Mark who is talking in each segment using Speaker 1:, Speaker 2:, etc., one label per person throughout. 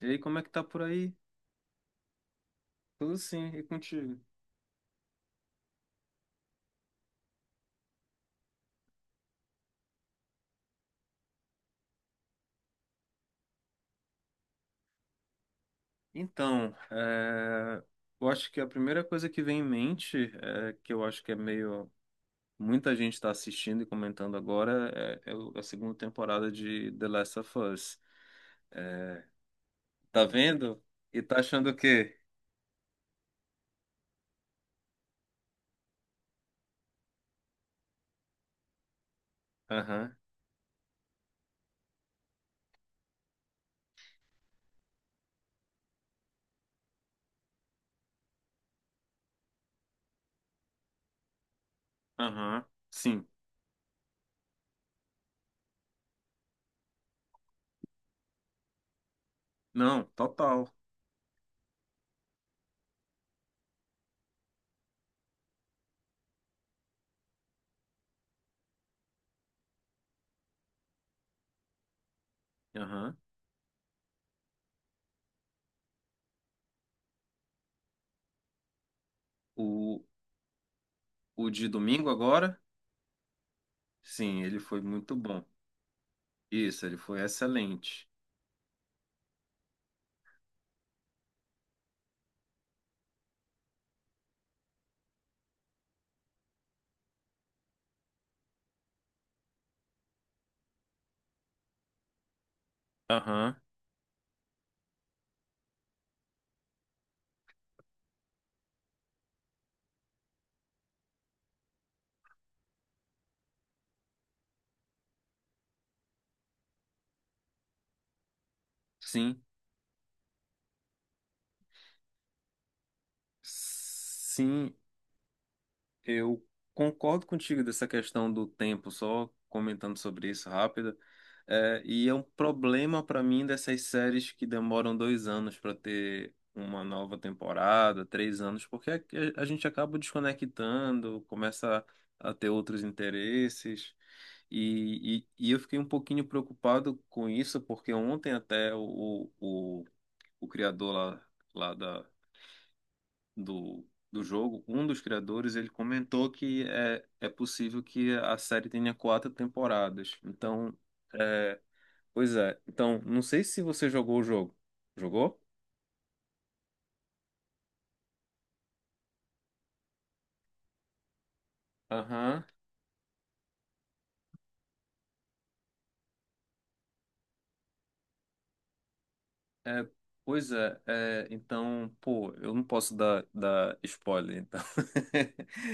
Speaker 1: E aí, como é que tá por aí? Tudo sim, e contigo? Então, é, eu acho que a primeira coisa que vem em mente, que eu acho que é meio. Muita gente está assistindo e comentando agora, a segunda temporada de The Last of Us. Tá vendo? E tá achando o quê? Aham, aham, sim. Não, total. Aham. O, o de domingo agora? Sim, ele foi muito bom. Isso, ele foi excelente. Aham, sim. Sim, eu concordo contigo dessa questão do tempo, só comentando sobre isso rápido. É, e é um problema para mim dessas séries que demoram dois anos para ter uma nova temporada, três anos, porque a gente acaba desconectando, começa a ter outros interesses. E eu fiquei um pouquinho preocupado com isso, porque ontem até o criador lá, lá da, do, do jogo, um dos criadores, ele comentou que é possível que a série tenha quatro temporadas. Então, é, pois é. Então, não sei se você jogou o jogo. Jogou? Aham. É, pois é, é. Então, pô, eu não posso dar spoiler, então.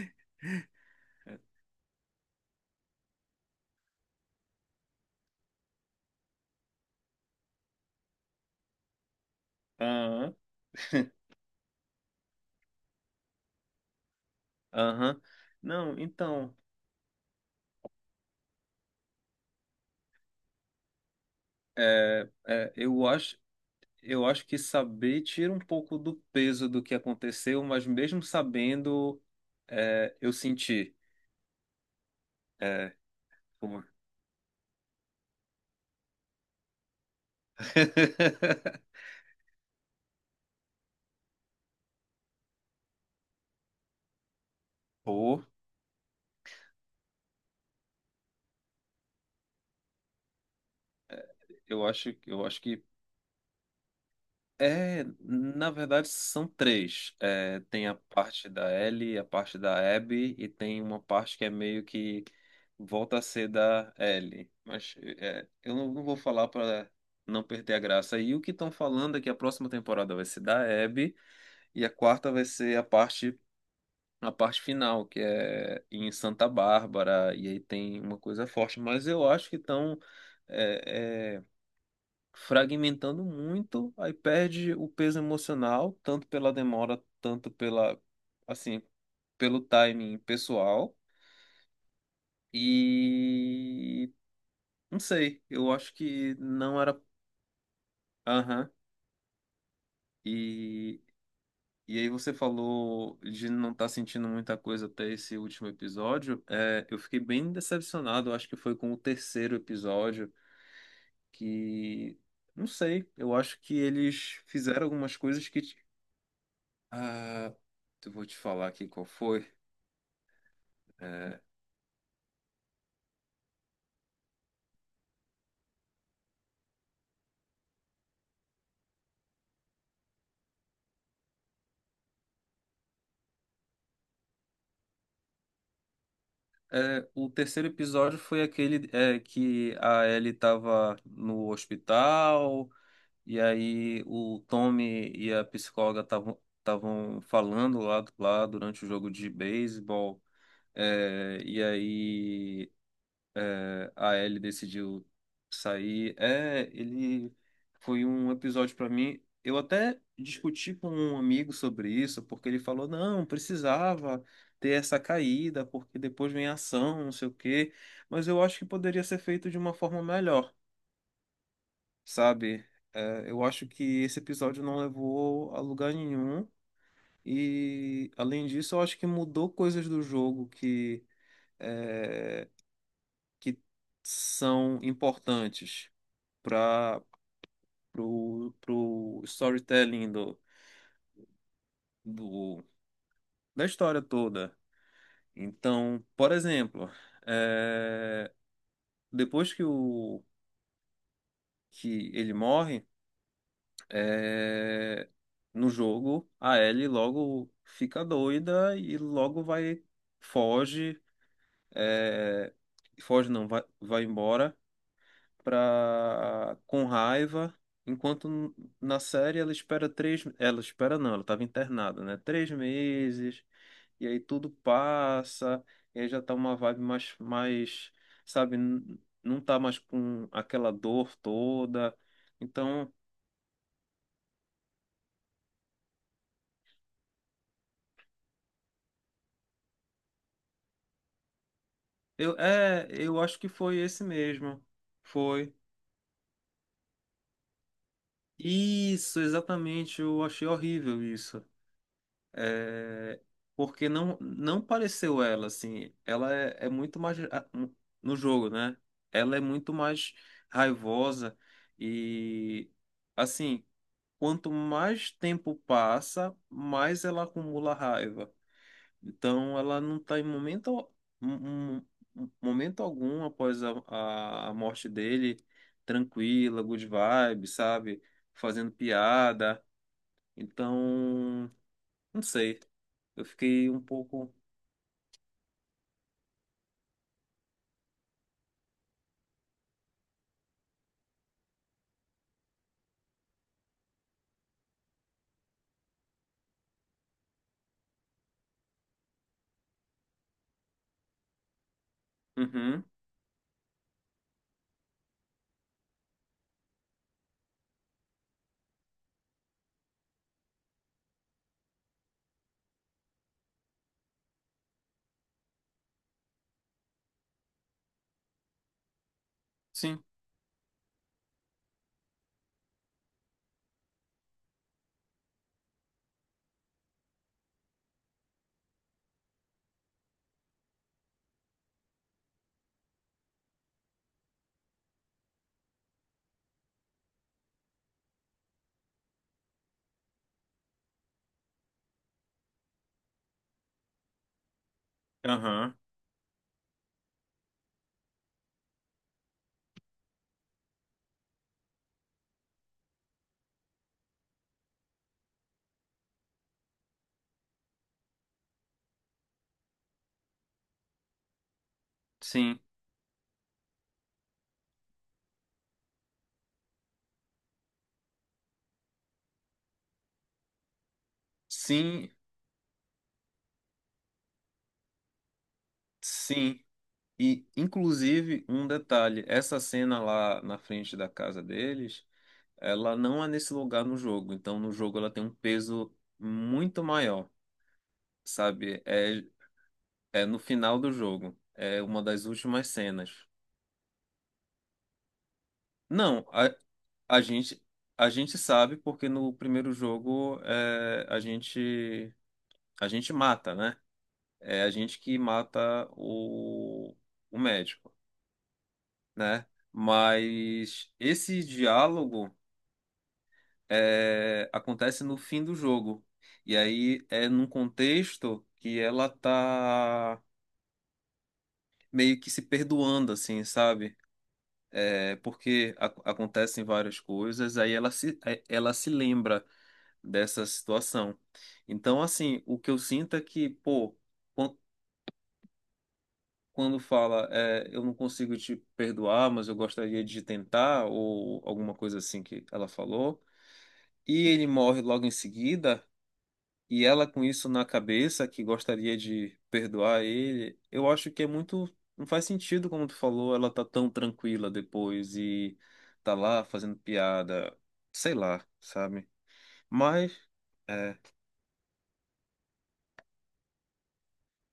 Speaker 1: Aham. Aham. Não, então, eu acho, eu acho que saber tira um pouco do peso do que aconteceu, mas mesmo sabendo, eu senti. É, como- Pô, eu acho que. É, na verdade são três. É, tem a parte da Ellie, a parte da Abby e tem uma parte que é meio que volta a ser da Ellie. Mas é, eu não vou falar para não perder a graça. E o que estão falando é que a próxima temporada vai ser da Abby e a quarta vai ser a parte final, que é em Santa Bárbara, e aí tem uma coisa forte, mas eu acho que estão fragmentando muito, aí perde o peso emocional, tanto pela demora, assim, pelo timing pessoal, e não sei, eu acho que não era. Aham. E E aí você falou de não estar sentindo muita coisa até esse último episódio. É, eu fiquei bem decepcionado, acho que foi com o terceiro episódio, que não sei, eu acho que eles fizeram algumas coisas que. Ah, eu vou te falar aqui qual foi. É, o terceiro episódio foi aquele que a Ellie estava no hospital. E aí o Tommy e a psicóloga estavam falando lá durante o jogo de beisebol. é, e aí a Ellie decidiu sair. É, ele foi um episódio para mim. Eu até discuti com um amigo sobre isso, porque ele falou, não, precisava ter essa caída, porque depois vem a ação, não sei o quê. Mas eu acho que poderia ser feito de uma forma melhor, sabe? É, eu acho que esse episódio não levou a lugar nenhum. E, além disso, eu acho que mudou coisas do jogo que, é, que são importantes para pro storytelling do, da história toda. Então, por exemplo, é, depois que ele morre. é, no jogo, a Ellie logo fica doida e logo vai, foge, é, foge não, vai, vai embora pra, com raiva, enquanto na série ela ela espera não, ela estava internada, né? Três meses, e aí tudo passa, e aí já tá uma vibe mais, sabe, não tá mais com aquela dor toda, então eu, eu acho que foi esse mesmo. Foi. Isso, exatamente. Eu achei horrível isso. É, porque não pareceu ela, assim. Ela é muito mais. No jogo, né? Ela é muito mais raivosa. E, assim, quanto mais tempo passa, mais ela acumula raiva. Então, ela não está em momento, um- um- momento algum após a morte dele, tranquila, good vibe, sabe? Fazendo piada. Então, não sei. Eu fiquei um pouco. Uhum, sim. Aham, sim. Sim, sim. E, inclusive, um detalhe: essa cena lá na frente da casa deles, ela não é nesse lugar no jogo. Então, no jogo, ela tem um peso muito maior, sabe? É É no final do jogo. É uma das últimas cenas. Não, a gente sabe porque no primeiro jogo a gente mata, né? É a gente que mata o médico, né? Mas esse diálogo acontece no fim do jogo. E aí é num contexto que ela tá meio que se perdoando, assim, sabe? Porque acontecem várias coisas, aí ela se, é- ela se lembra dessa situação. Então, assim, o que eu sinto é que, pô, quan- quando fala, eu não consigo te perdoar, mas eu gostaria de tentar, ou alguma coisa assim que ela falou, e ele morre logo em seguida. E ela com isso na cabeça, que gostaria de perdoar ele, eu acho que é muito. Não faz sentido, como tu falou, ela tá tão tranquila depois e tá lá fazendo piada, sei lá, sabe? Mas, é.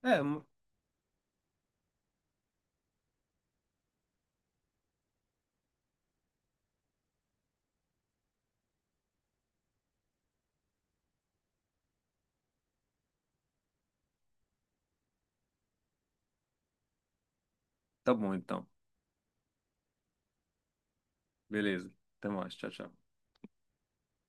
Speaker 1: É, tá bom então. Beleza. Até mais. Tchau, tchau.